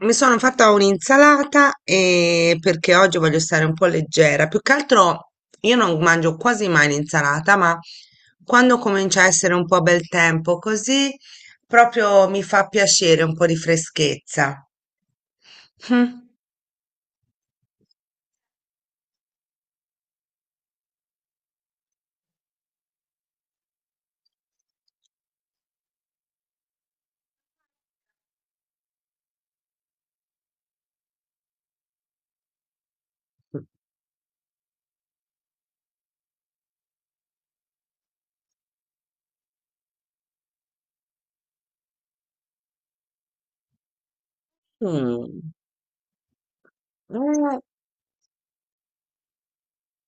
Mi sono fatta un'insalata e perché oggi voglio stare un po' leggera. Più che altro io non mangio quasi mai l'insalata, ma quando comincia a essere un po' bel tempo così, proprio mi fa piacere un po' di freschezza. Mm. Mm.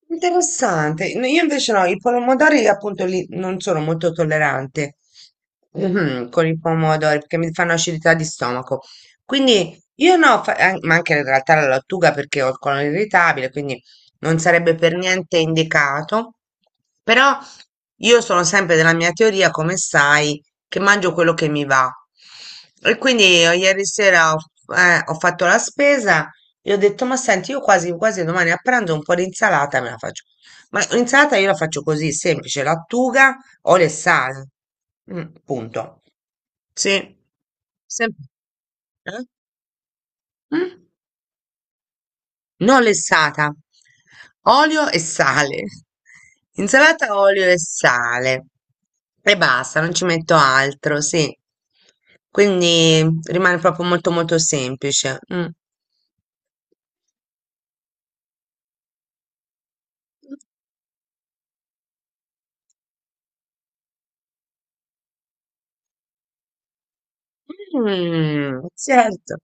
Interessante. No, io invece no, i pomodori appunto non sono molto tollerante mhm, con i pomodori perché mi fanno acidità di stomaco. Quindi io no, ma anche in realtà la lattuga perché ho il colon irritabile, quindi non sarebbe per niente indicato. Però io sono sempre della mia teoria, come sai, che mangio quello che mi va. E quindi ieri sera ho fatto la spesa, gli ho detto, ma senti, io quasi quasi domani a pranzo un po' di insalata me la faccio. Ma l'insalata io la faccio così, semplice, lattuga, olio e sale. Mm, punto. Sì. Sem- Eh? Mm? No, lessata. Olio e sale. Insalata, olio e sale. E basta, non ci metto altro, sì. Quindi rimane proprio molto molto semplice. Mm. Mm, certo.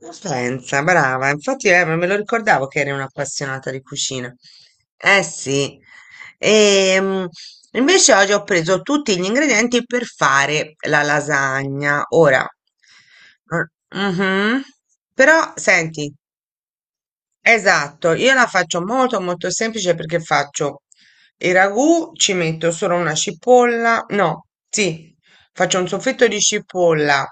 Ma pensa, brava, infatti me lo ricordavo che eri un'appassionata di cucina. Eh sì. Ehm, Invece oggi ho preso tutti gli ingredienti per fare la lasagna. Ora, mhm. Però senti, esatto, io la faccio molto molto semplice perché faccio il ragù, ci metto solo una cipolla, no, sì, faccio un soffritto di cipolla,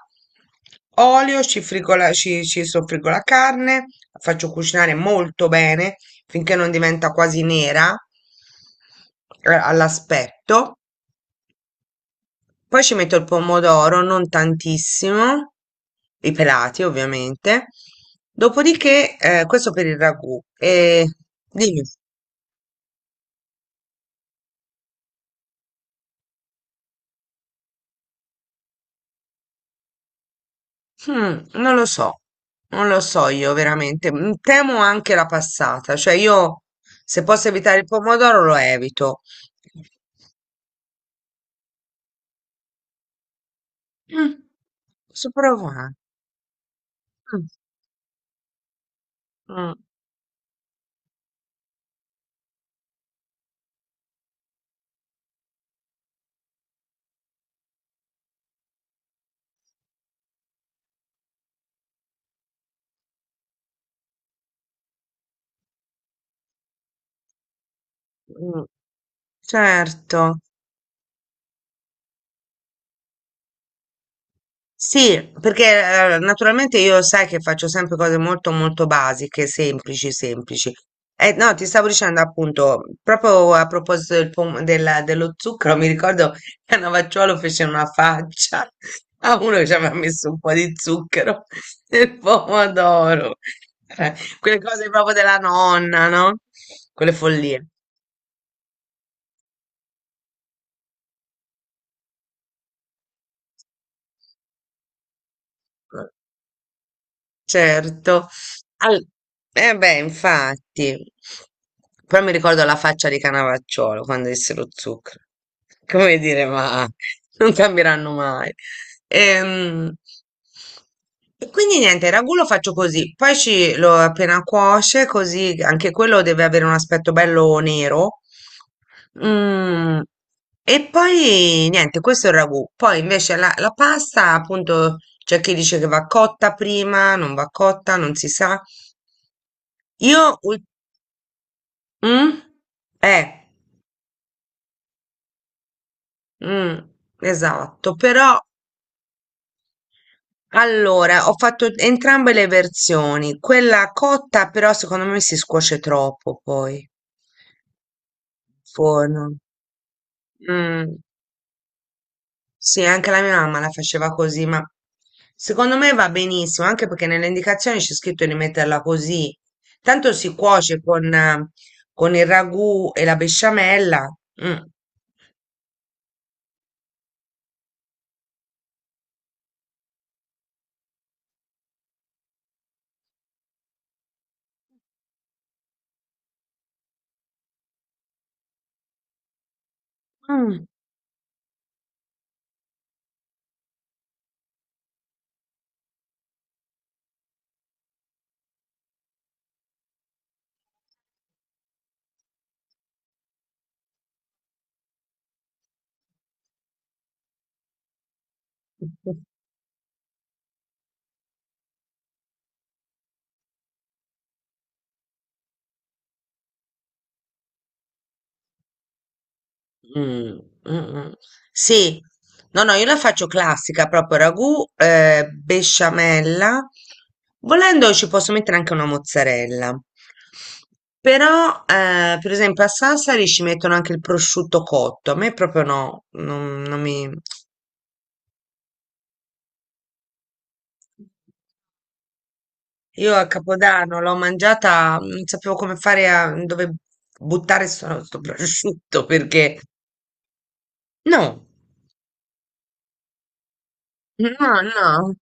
olio, frigo ci soffriggo la carne, la faccio cucinare molto bene finché non diventa quasi nera all'aspetto. Poi ci metto il pomodoro, non tantissimo, i pelati ovviamente. Dopodiché, questo per il ragù. E dimmi, hmm, non lo so, non lo so io veramente. Mm, temo anche la passata, cioè io se posso evitare il pomodoro lo evito. Mm, posso provare? Mm, mm, mm, certo. Sì, perché naturalmente io sai che faccio sempre cose molto molto basiche, semplici, semplici. No, ti stavo dicendo appunto, proprio a proposito dello zucchero, mi ricordo che a Navacciuolo fece una faccia a uno che ci aveva messo un po' di zucchero nel pomodoro. Eh, quelle cose proprio della nonna, no? Quelle follie. Certo. Al eh beh, infatti. Poi mi ricordo la faccia di Cannavacciuolo quando disse lo zucchero. Come dire, ma non cambieranno mai. Ehm, e quindi niente, il ragù lo faccio così, poi lo appena cuoce, così anche quello deve avere un aspetto bello nero. Mm, e poi niente, questo è il ragù. Poi invece la pasta, appunto, c'è chi dice che va cotta prima, non va cotta, non si sa. Io, ul- mm? Eh, mm, esatto, però allora, ho fatto entrambe le versioni. Quella cotta, però, secondo me si scuoce troppo poi. Forno. Mm, sì, anche la mia mamma la faceva così, ma secondo me va benissimo, anche perché nelle indicazioni c'è scritto di metterla così. Tanto si cuoce con il ragù e la besciamella. Mm. Mm. Mm, mm, mm. Sì, no, no, io la faccio classica, proprio ragù, besciamella. Volendo ci posso mettere anche una mozzarella. Però, per esempio, a Sassari ci mettono anche il prosciutto cotto. A me proprio no, non mi... Io a Capodanno l'ho mangiata, non sapevo come fare a dove buttare sto prosciutto perché... No. No, no,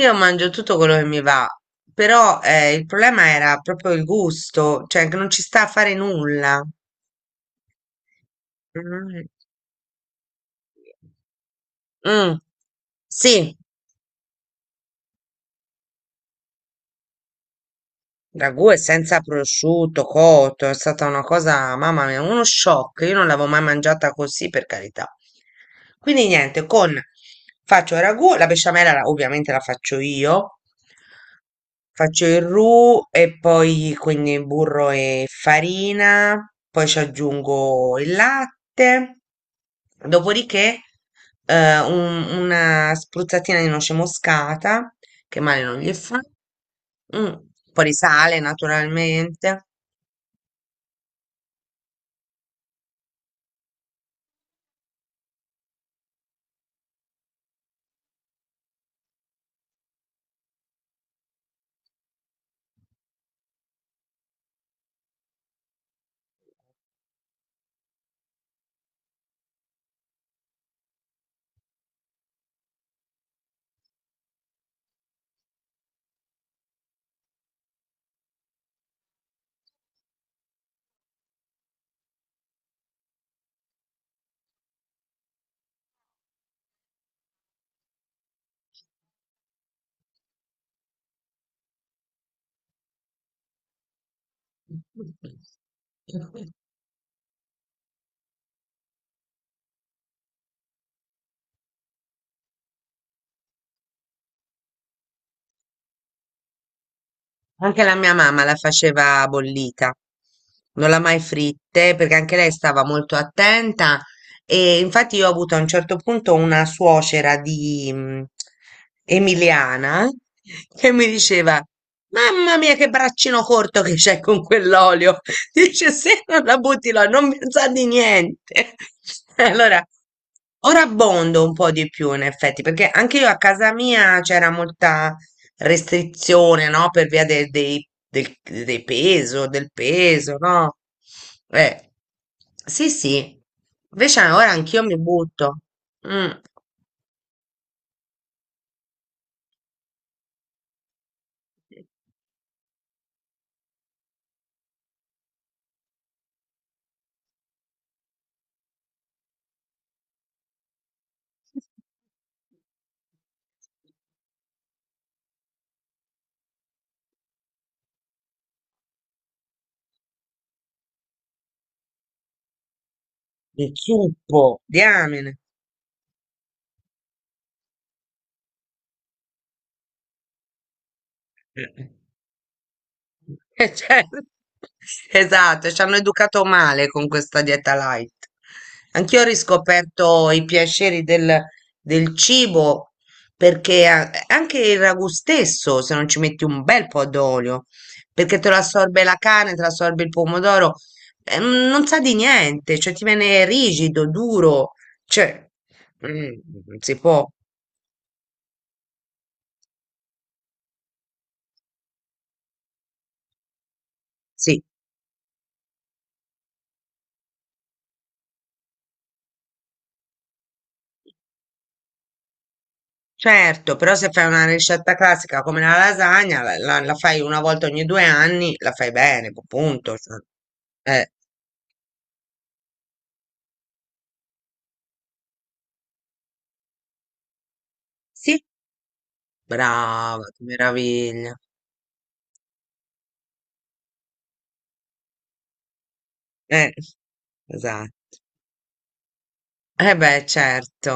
io mangio tutto quello che mi va, però il problema era proprio il gusto, cioè che non ci sta a fare nulla. Mm. Mm, sì, ragù è senza prosciutto, cotto, è stata una cosa, mamma mia, uno shock, io non l'avevo mai mangiata così, per carità. Quindi niente, con faccio il ragù, ovviamente la faccio io, faccio il roux e poi quindi burro e farina, poi ci aggiungo il latte, dopodiché una spruzzatina di noce moscata, che male non gli fa, mm, un po' di sale naturalmente. Anche la mia mamma la faceva bollita, non l'ha mai fritte perché anche lei stava molto attenta e infatti io ho avuto a un certo punto una suocera di emiliana che mi diceva: mamma mia che braccino corto che c'è con quell'olio. Dice se non la butti là non mi sa di niente. Allora, ora abbondo un po' di più in effetti perché anche io a casa mia c'era molta restrizione, no? Per via dei peso, del peso, no? Eh, sì, sì. Invece ora anch'io mi butto. Mm, mi zuppo, diamine. Eh. Certo. Esatto, ci hanno educato male con questa dieta light. Anch'io ho riscoperto i piaceri del cibo perché anche il ragù stesso, se non ci metti un bel po' d'olio, perché te lo assorbe la carne, te lo assorbe il pomodoro, mm, non sa di niente, cioè ti viene rigido, duro, cioè mm, non si può, sì. Certo, però se fai una ricetta classica come la lasagna, la fai una volta ogni 2 anni, la fai bene, punto. Cioè. Eh, sì, brava, che meraviglia. Eh, esatto. Eh beh, certo.